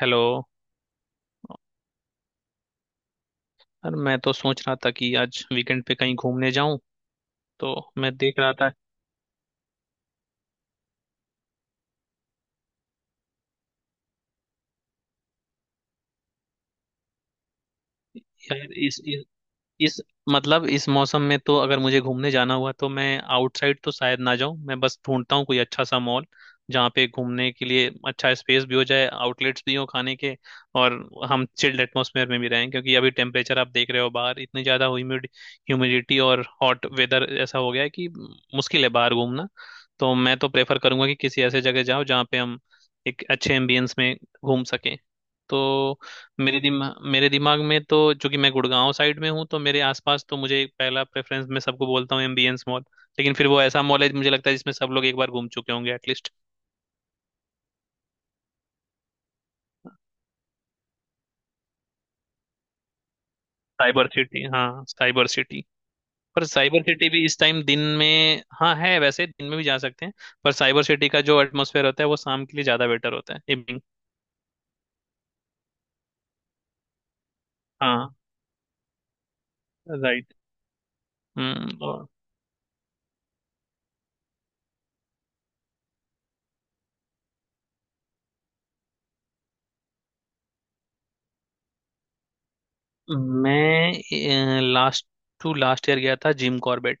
Hello. यार मैं तो सोच रहा था कि आज वीकेंड पे कहीं घूमने जाऊं। तो मैं देख रहा था। यार, इस मतलब इस मौसम में तो अगर मुझे घूमने जाना हुआ तो मैं आउटसाइड तो शायद ना जाऊं। मैं बस ढूंढता हूँ कोई अच्छा सा मॉल जहाँ पे घूमने के लिए अच्छा स्पेस भी हो जाए, आउटलेट्स भी हो खाने के, और हम चिल्ड एटमॉस्फेयर में भी रहें क्योंकि अभी टेम्परेचर आप देख रहे हो बाहर इतनी ज़्यादा ह्यूमिडिटी और हॉट वेदर ऐसा हो गया है कि मुश्किल है बाहर घूमना। तो मैं तो प्रेफर करूंगा कि किसी ऐसे जगह जाओ जहाँ पे हम एक अच्छे एम्बियंस में घूम सकें। तो मेरे दिमाग में तो चूंकि मैं गुड़गांव साइड में हूँ तो मेरे आसपास तो मुझे पहला प्रेफरेंस, मैं सबको बोलता हूँ एमबीएंस मॉल। लेकिन फिर वो ऐसा मॉल है मुझे लगता है जिसमें सब लोग एक बार घूम चुके होंगे एटलीस्ट। साइबर सिटी, हाँ साइबर सिटी। पर साइबर सिटी भी इस टाइम दिन में, हाँ, है वैसे दिन में भी जा सकते हैं। पर साइबर सिटी का जो एटमोसफेयर होता है वो शाम के लिए ज्यादा बेटर होता है, इवनिंग। हाँ। राइट। हम्म। और मैं लास्ट टू लास्ट ईयर गया था जिम कॉर्बेट।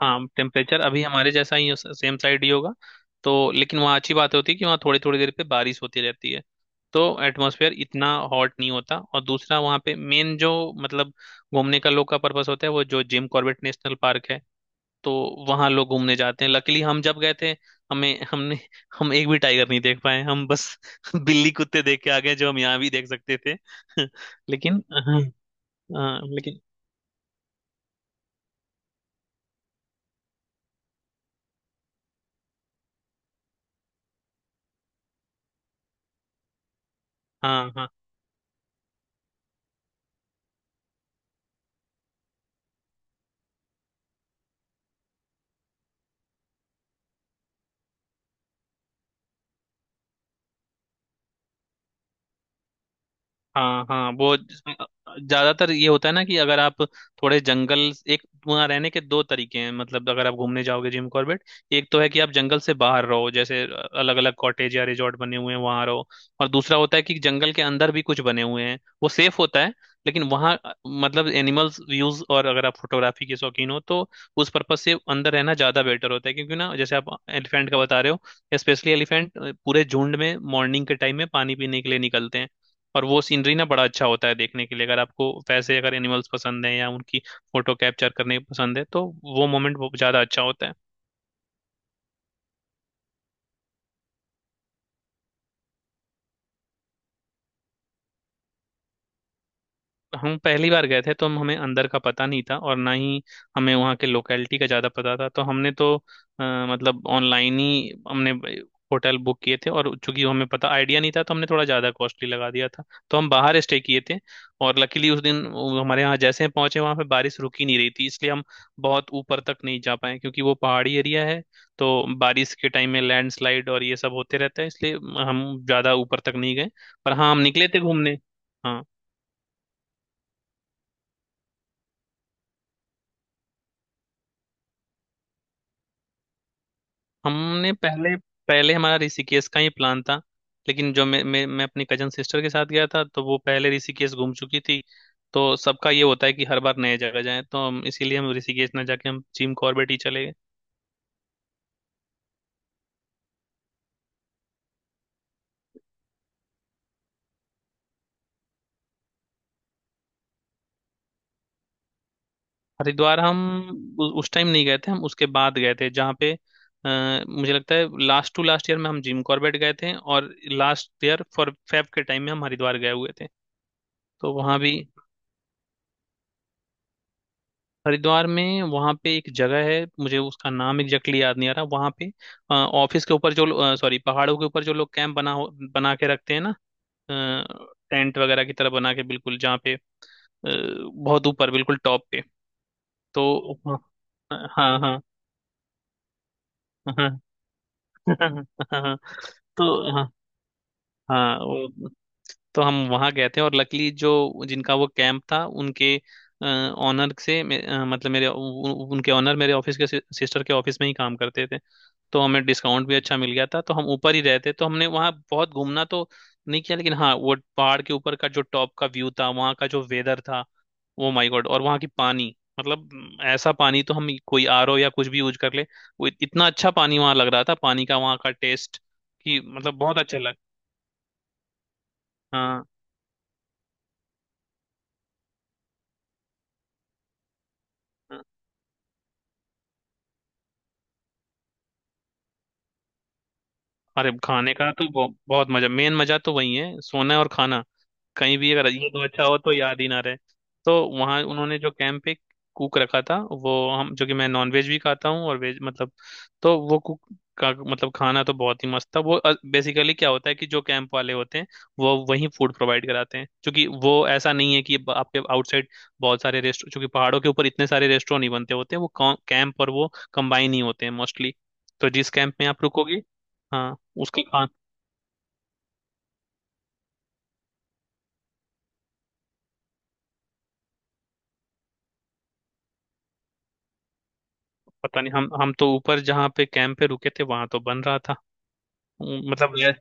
हाँ टेम्परेचर अभी हमारे जैसा ही सेम साइड ही होगा। तो लेकिन वहाँ अच्छी बात होती है कि वहाँ थोड़ी थोड़ी देर पे बारिश होती रहती है। तो एटमॉस्फेयर इतना हॉट नहीं होता, और दूसरा वहाँ पे मेन जो, मतलब, घूमने का लोग का पर्पस होता है वो जो जिम कॉर्बेट नेशनल पार्क है। तो वहाँ लोग घूमने जाते हैं। लकीली हम जब गए थे, हमें हमने हम एक भी टाइगर नहीं देख पाए। हम बस बिल्ली कुत्ते देख के आ गए जो हम यहाँ भी देख सकते थे। लेकिन हाँ। हाँ लेकिन। हाँ। हाँ हाँ हाँ। ज्यादातर ये होता है ना कि अगर आप थोड़े जंगल। एक, वहाँ रहने के दो तरीके हैं। मतलब अगर आप घूमने जाओगे जिम कॉर्बेट, एक तो है कि आप जंगल से बाहर रहो, जैसे अलग अलग कॉटेज या रिजॉर्ट बने हुए हैं वहाँ रहो। और दूसरा होता है कि जंगल के अंदर भी कुछ बने हुए हैं, वो सेफ होता है। लेकिन वहाँ मतलब एनिमल्स व्यूज, और अगर आप फोटोग्राफी के शौकीन हो तो उस पर्पज से अंदर रहना ज्यादा बेटर होता है, क्योंकि ना जैसे आप एलिफेंट का बता रहे हो, स्पेशली एलिफेंट पूरे झुंड में मॉर्निंग के टाइम में पानी पीने के लिए निकलते हैं। और वो सीनरी ना बड़ा अच्छा होता है देखने के लिए, अगर आपको वैसे अगर एनिमल्स पसंद है या उनकी फोटो कैप्चर करने पसंद है तो वो मोमेंट बहुत ज्यादा अच्छा होता है। हम पहली बार गए थे तो हम हमें अंदर का पता नहीं था और ना ही हमें वहाँ के लोकेलिटी का ज़्यादा पता था। तो हमने तो अ, मतलब ऑनलाइन ही हमने होटल बुक किए थे, और चूंकि हमें पता आइडिया नहीं था तो हमने थोड़ा ज़्यादा कॉस्टली लगा दिया था। तो हम बाहर स्टे किए थे। और लकीली उस दिन वो, हमारे यहाँ जैसे हम पहुंचे वहाँ पे बारिश रुक ही नहीं रही थी, इसलिए हम बहुत ऊपर तक नहीं जा पाए क्योंकि वो पहाड़ी एरिया है। तो बारिश के टाइम में लैंडस्लाइड और ये सब होते रहता है, इसलिए हम ज़्यादा ऊपर तक नहीं गए। पर हाँ, हम निकले थे घूमने। हाँ। हमने पहले पहले हमारा ऋषिकेश का ही प्लान था। लेकिन जो मैं अपनी कजन सिस्टर के साथ गया था, तो वो पहले ऋषिकेश घूम चुकी थी। तो सबका ये होता है कि हर बार नए जगह जाएं, तो हम इसीलिए हम ऋषिकेश ना जाके हम जिम कॉर्बेट ही चले गए। हरिद्वार हम उस टाइम नहीं गए थे, हम उसके बाद गए थे। जहाँ पे, मुझे लगता है लास्ट टू लास्ट ईयर में हम जिम कॉर्बेट गए थे और लास्ट ईयर फॉर फेब के टाइम में हम हरिद्वार गए हुए थे। तो वहाँ भी, हरिद्वार में, वहाँ पे एक जगह है, मुझे उसका नाम एग्जैक्टली याद नहीं आ रहा। वहाँ पे ऑफिस के ऊपर जो, सॉरी, पहाड़ों के ऊपर जो लोग कैंप बना के रखते हैं ना, टेंट वगैरह की तरह बना के, बिल्कुल जहाँ पे बहुत ऊपर बिल्कुल टॉप पे। तो वहाँ- हाँ हाँ हाँ हाँ हाँ, तो हाँ हाँ तो हम वहाँ गए थे। और लकीली जो, जिनका वो कैंप था उनके ऑनर से, मतलब मेरे उनके ऑनर मेरे ऑफिस के, सिस्टर के ऑफिस में ही काम करते थे। तो हमें डिस्काउंट भी अच्छा मिल गया था, तो हम ऊपर ही रहते, तो हमने वहाँ बहुत घूमना तो नहीं किया, लेकिन हाँ वो पहाड़ के ऊपर का जो टॉप का व्यू था, वहाँ का जो वेदर था, वो माय गॉड। और वहाँ की पानी, मतलब ऐसा पानी तो हम कोई आरओ या कुछ भी यूज कर ले, वो इतना अच्छा पानी वहाँ लग रहा था, पानी का वहाँ का टेस्ट, कि मतलब बहुत अच्छा लग। हाँ हाँ। अरे खाने का तो बहुत मजा, मेन मजा तो वही है, सोना और खाना। कहीं भी अगर ये तो अच्छा हो तो याद ही ना रहे। तो वहाँ उन्होंने जो कैंप पे कुक रखा था, वो, हम जो कि मैं नॉनवेज भी खाता हूँ और वेज, मतलब, तो वो कुक का, मतलब, खाना तो बहुत ही मस्त था। वो बेसिकली क्या होता है कि जो कैंप वाले होते हैं वो वहीं फूड प्रोवाइड कराते हैं, क्योंकि वो ऐसा नहीं है कि आपके आउटसाइड बहुत सारे रेस्टोरेंट, क्योंकि पहाड़ों के ऊपर इतने सारे रेस्टोरेंट नहीं बनते होते हैं। वो कैंप और वो कंबाइन ही होते हैं मोस्टली। तो जिस कैंप में आप रुकोगे। हाँ उसका खा पता नहीं, हम तो ऊपर जहाँ पे कैंप पे रुके थे वहां तो बन रहा था। मतलब ये।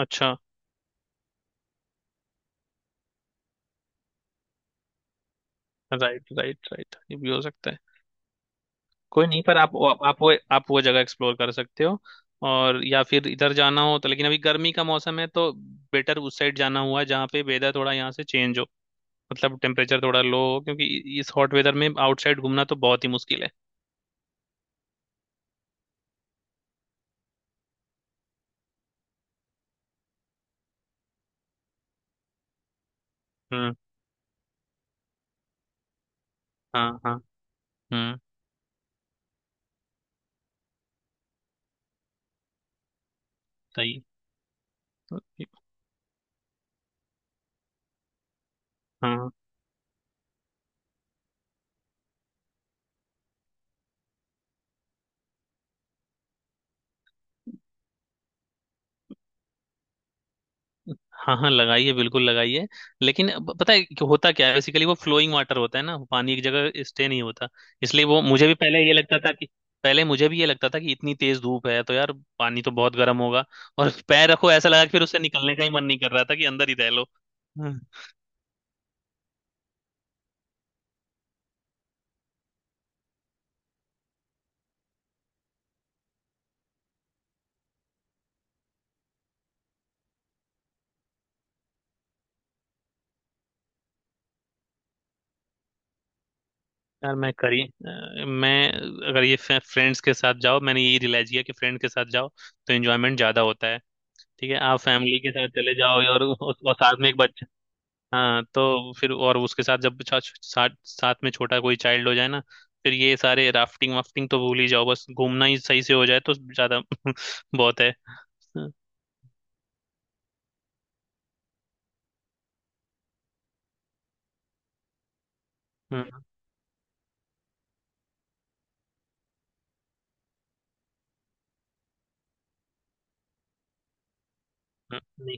अच्छा। राइट राइट राइट, ये भी हो सकता है। कोई नहीं, पर आप वो जगह एक्सप्लोर कर सकते हो, और या फिर इधर जाना हो तो, लेकिन अभी गर्मी का मौसम है तो बेटर उस साइड जाना हुआ जहाँ पे वेदर थोड़ा यहाँ से चेंज हो, मतलब टेम्परेचर थोड़ा लो हो, क्योंकि इस हॉट वेदर में आउटसाइड घूमना तो बहुत ही मुश्किल है। हम्म। हाँ हाँ। हम्म। सही। हाँ। हाँ हाँ लगाइए, बिल्कुल लगाइए। लेकिन अब पता है कि होता क्या है, बेसिकली वो फ्लोइंग वाटर होता है ना, वो पानी एक जगह स्टे नहीं होता, इसलिए वो। मुझे भी पहले ये लगता था कि पहले मुझे भी ये लगता था कि इतनी तेज धूप है तो यार पानी तो बहुत गर्म होगा। और पैर रखो ऐसा लगा कि फिर उससे निकलने का ही मन नहीं कर रहा था, कि अंदर ही रह लो। हम्म। यार मैं अगर ये फ्रेंड्स के साथ जाओ, मैंने यही रियलाइज किया कि फ्रेंड के साथ जाओ तो एंजॉयमेंट ज्यादा होता है। ठीक है आप फैमिली के साथ चले जाओ, और साथ में एक बच्चा। हाँ तो फिर और उसके साथ जब साथ साथ में छोटा कोई चाइल्ड हो जाए ना, फिर ये सारे राफ्टिंग वाफ्टिंग तो भूल ही जाओ, बस घूमना ही सही से हो जाए तो ज्यादा। बहुत है। हम्म। हम्म। नहीं।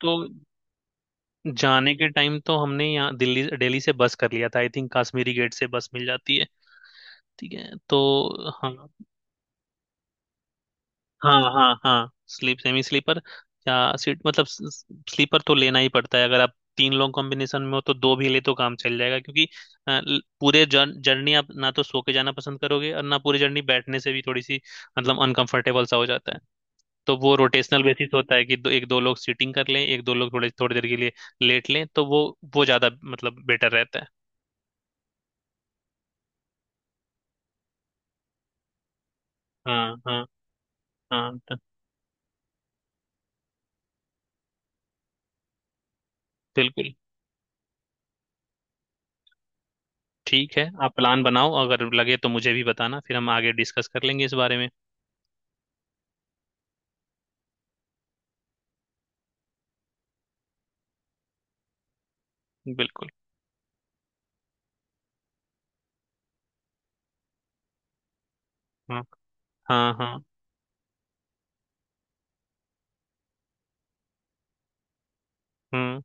तो जाने के टाइम तो हमने यहाँ दिल्ली दिल्ली से बस कर लिया था। आई थिंक कश्मीरी गेट से बस मिल जाती है। ठीक है तो। हाँ हाँ हाँ हाँ स्लीप सेमी स्लीपर या सीट, मतलब स्लीपर तो लेना ही पड़ता है, अगर आप तीन लोग कॉम्बिनेशन में हो तो दो भी ले तो काम चल जाएगा, क्योंकि पूरे जर्नी आप ना तो सो के जाना पसंद करोगे और ना पूरी जर्नी बैठने से भी थोड़ी सी, मतलब, अनकंफर्टेबल सा हो जाता है। तो वो रोटेशनल बेसिस होता है कि एक दो लोग सीटिंग कर लें, एक दो लोग थोड़े थोड़ी देर के लिए लेट लें, तो वो ज्यादा, मतलब, बेटर रहता है। हाँ हाँ हाँ। तो बिल्कुल। ठीक है, आप प्लान बनाओ, अगर लगे तो मुझे भी बताना, फिर हम आगे डिस्कस कर लेंगे इस बारे में। बिल्कुल। हाँ हाँ हाँ। हम्म।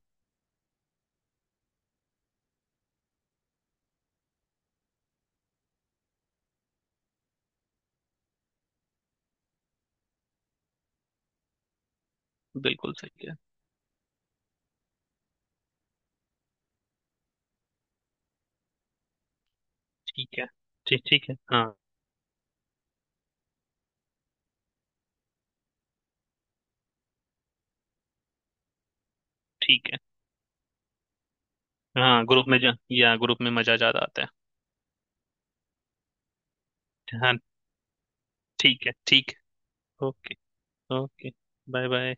बिल्कुल सही है। ठीक है ठीक। ठीक है हाँ। ठीक है। हाँ, ग्रुप में मजा ज्यादा आता है। हाँ। ठीक है। ठीक है, ओके। Okay bye. बाय